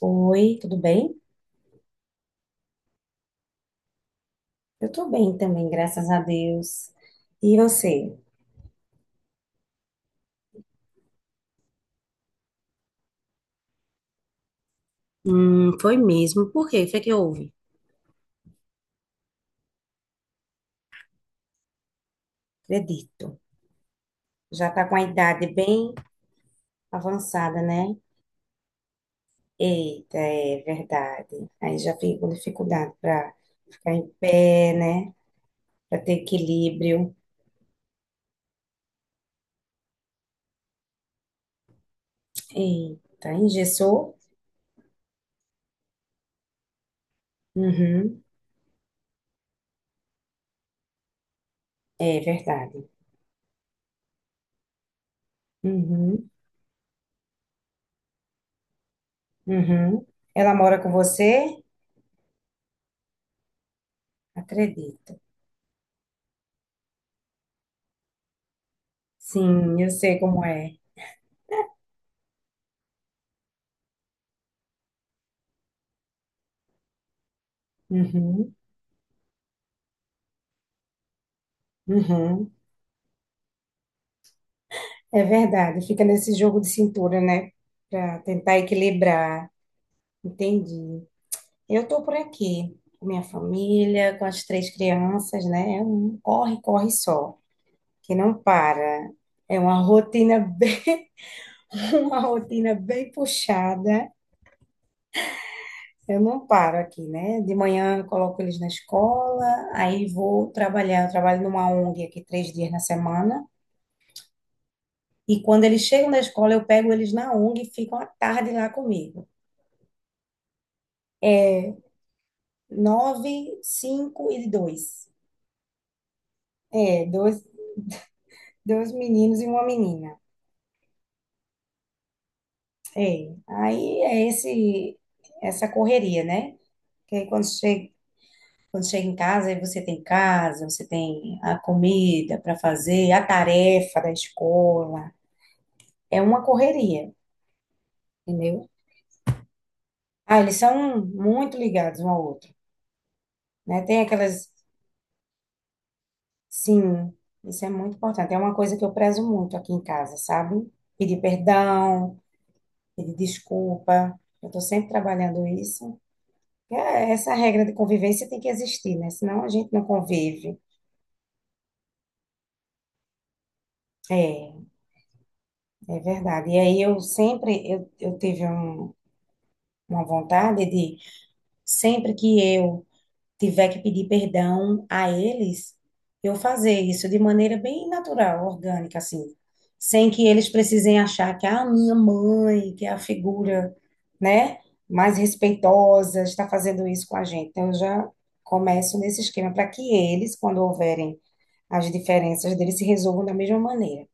Oi, tudo bem? Eu tô bem também, graças a Deus. E você? Foi mesmo. Por quê? O que é que houve? Acredito. Já tá com a idade bem avançada, né? Eita, é verdade. Aí já fico com dificuldade para ficar em pé, né? Para ter equilíbrio. Eita, engessou? Uhum, é verdade. Uhum, uhum. Ela mora com você? Acredito. Sim, eu sei como é. Uhum, uhum. É verdade, fica nesse jogo de cintura, né? Para tentar equilibrar. Entendi. Eu estou por aqui, com minha família, com as três crianças, né? É um corre, corre só, que não para. É uma rotina bem, uma rotina bem puxada. Eu não paro aqui, né? De manhã eu coloco eles na escola, aí vou trabalhar. Eu trabalho numa ONG aqui 3 dias na semana. E quando eles chegam da escola, eu pego eles na ONG e ficam a tarde lá comigo. 9, 5 e 2. É, dois, dois meninos e uma menina. É, aí é esse, essa correria, né? Que aí quando chega em casa, aí você tem casa, você tem a comida para fazer, a tarefa da escola. É uma correria, entendeu? Ah, eles são muito ligados um ao outro, né? Tem aquelas, sim, isso é muito importante. É uma coisa que eu prezo muito aqui em casa, sabe? Pedir perdão, pedir desculpa. Eu estou sempre trabalhando isso. É, essa regra de convivência tem que existir, né? Senão a gente não convive. É, é verdade. E aí eu sempre, eu tive uma vontade de, sempre que eu tiver que pedir perdão a eles, eu fazer isso de maneira bem natural, orgânica, assim, sem que eles precisem achar que a ah, minha mãe, que é a figura, né, mais respeitosa, está fazendo isso com a gente. Então, eu já começo nesse esquema para que eles, quando houverem as diferenças deles, se resolvam da mesma maneira.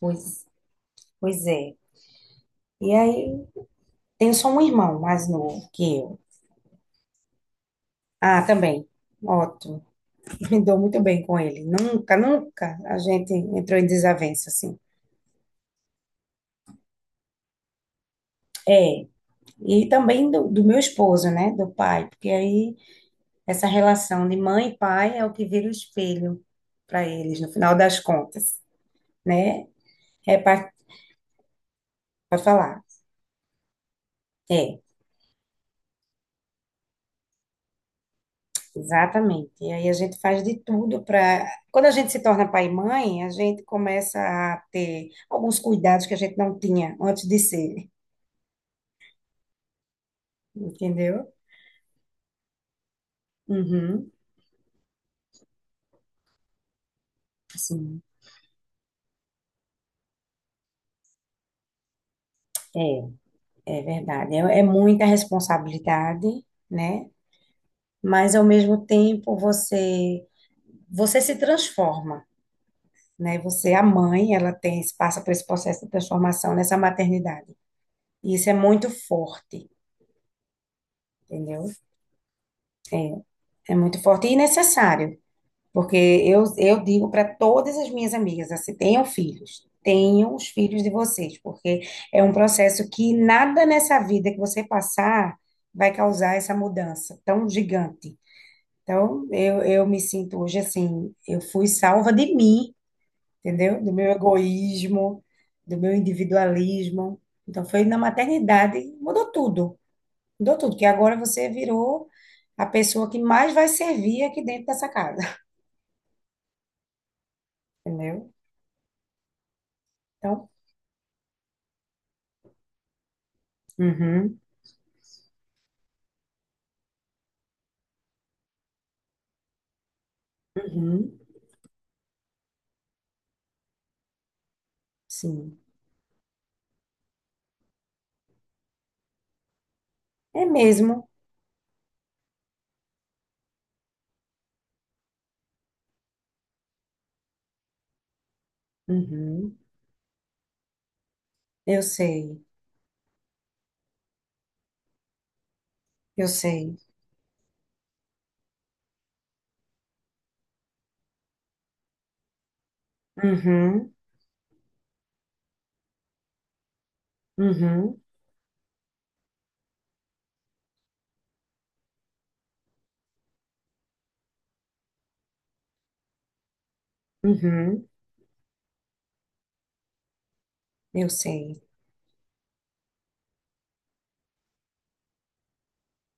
Pois, pois é. E aí, tenho só um irmão mais novo que eu. Ah, também. Ótimo. Me dou muito bem com ele. Nunca, nunca a gente entrou em desavença, assim. É. E também do meu esposo, né? Do pai. Porque aí essa relação de mãe e pai é o que vira o espelho para eles, no final das contas, né? É para falar. É, exatamente. E aí a gente faz de tudo para. Quando a gente se torna pai e mãe, a gente começa a ter alguns cuidados que a gente não tinha antes de ser, entendeu? Uhum, sim. É. É verdade, é, é muita responsabilidade, né? Mas ao mesmo tempo você se transforma, né? Você, a mãe, ela tem passa por esse processo de transformação nessa maternidade. E isso é muito forte, entendeu? É muito forte e necessário, porque eu digo para todas as minhas amigas, assim, tenham filhos, tenham os filhos de vocês, porque é um processo que nada nessa vida que você passar vai causar essa mudança tão gigante. Então, eu me sinto hoje assim, eu fui salva de mim, entendeu? Do meu egoísmo, do meu individualismo. Então, foi na maternidade, mudou tudo, que agora você virou a pessoa que mais vai servir aqui dentro dessa casa, entendeu? Então, uhum, uhum, sim, é mesmo, uhum, eu sei, eu sei, uhum, uhum, uhum, eu sei,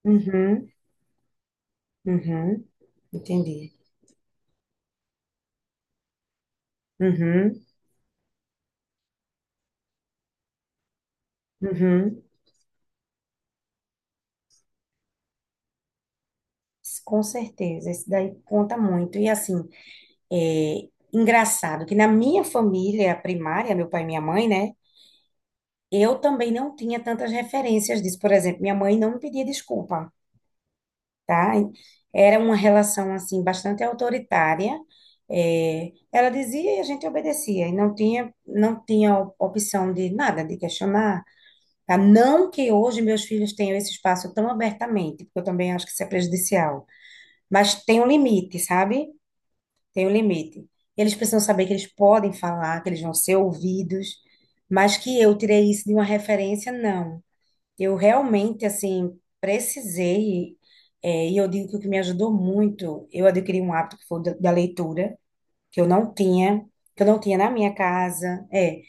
uhum, uhum, entendi. Uhum. Uhum, com certeza, isso daí conta muito. E assim, é engraçado que na minha família primária, meu pai e minha mãe, né? Eu também não tinha tantas referências disso. Por exemplo, minha mãe não me pedia desculpa, tá? Era uma relação, assim, bastante autoritária. É, ela dizia e a gente obedecia. E não tinha, não tinha opção de nada, de questionar. Tá? Não que hoje meus filhos tenham esse espaço tão abertamente, porque eu também acho que isso é prejudicial. Mas tem um limite, sabe? Tem um limite. Eles precisam saber que eles podem falar, que eles vão ser ouvidos, mas que eu tirei isso de uma referência, não. Eu realmente, assim, precisei, é, e eu digo que o que me ajudou muito, eu adquiri um hábito que foi o da leitura, que eu não tinha, que eu não tinha na minha casa, é,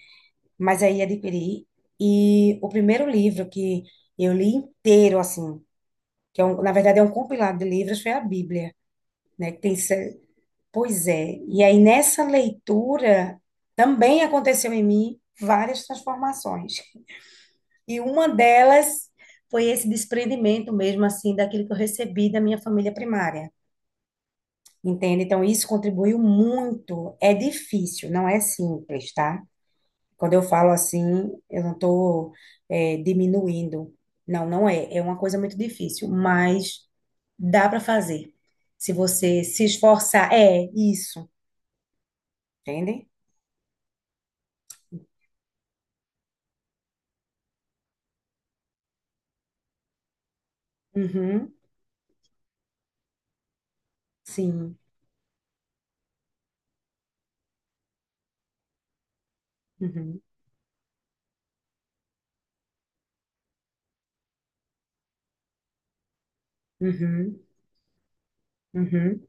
mas aí adquiri. E o primeiro livro que eu li inteiro, assim, que é na verdade é um compilado de livros, foi a Bíblia, né? Que tem. Pois é. E aí, nessa leitura, também aconteceu em mim várias transformações. E uma delas foi esse desprendimento mesmo, assim, daquilo que eu recebi da minha família primária. Entende? Então, isso contribuiu muito. É difícil, não é simples, tá? Quando eu falo assim, eu não estou, diminuindo. Não, não é. É uma coisa muito difícil, mas dá para fazer. Se você se esforçar, é isso. Entende? Uhum. Sim. Uhum. Uhum. Uhum.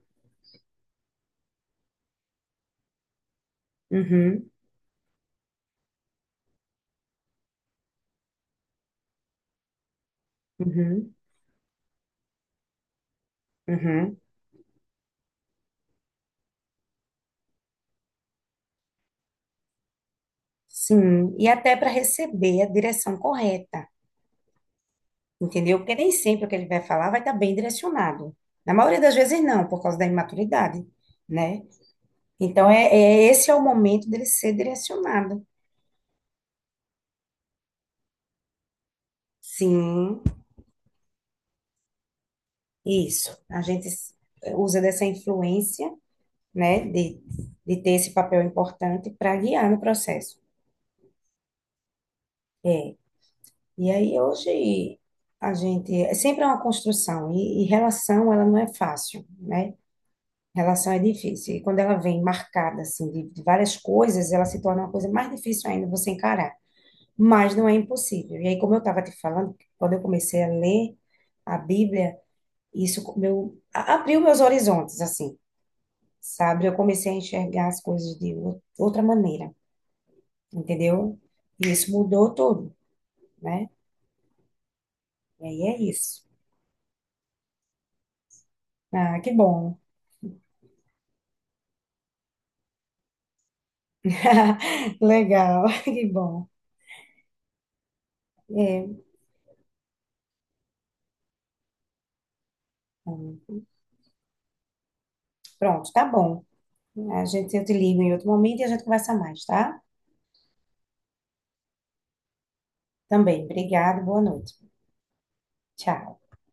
Uhum. Uhum. Uhum. Sim. E até para receber a direção correta, entendeu? Porque nem sempre o que ele vai falar vai estar bem direcionado. Na maioria das vezes, não, por causa da imaturidade, né? Então, é, é- esse é o momento dele ser direcionado. Sim, isso. Eh, usa dessa influência, né, de ter esse papel importante para guiar no processo. É. E aí hoje a gente é sempre é uma construção e relação ela não é fácil, né? Relação é difícil e quando ela vem marcada assim de várias coisas, ela se torna uma coisa mais difícil ainda você encarar. Mas não é impossível. E aí como eu estava te falando, quando eu comecei a ler a Bíblia, isso abriu meus horizontes assim, sabe? Eu comecei a enxergar as coisas de outra maneira, entendeu? E isso mudou tudo, né? E aí é isso. Ah, que bom. Legal, que bom. É, hum, pronto, tá bom. A gente, eu te ligo em outro momento e a gente conversa mais, tá? Também. Obrigada, boa noite. Tchau.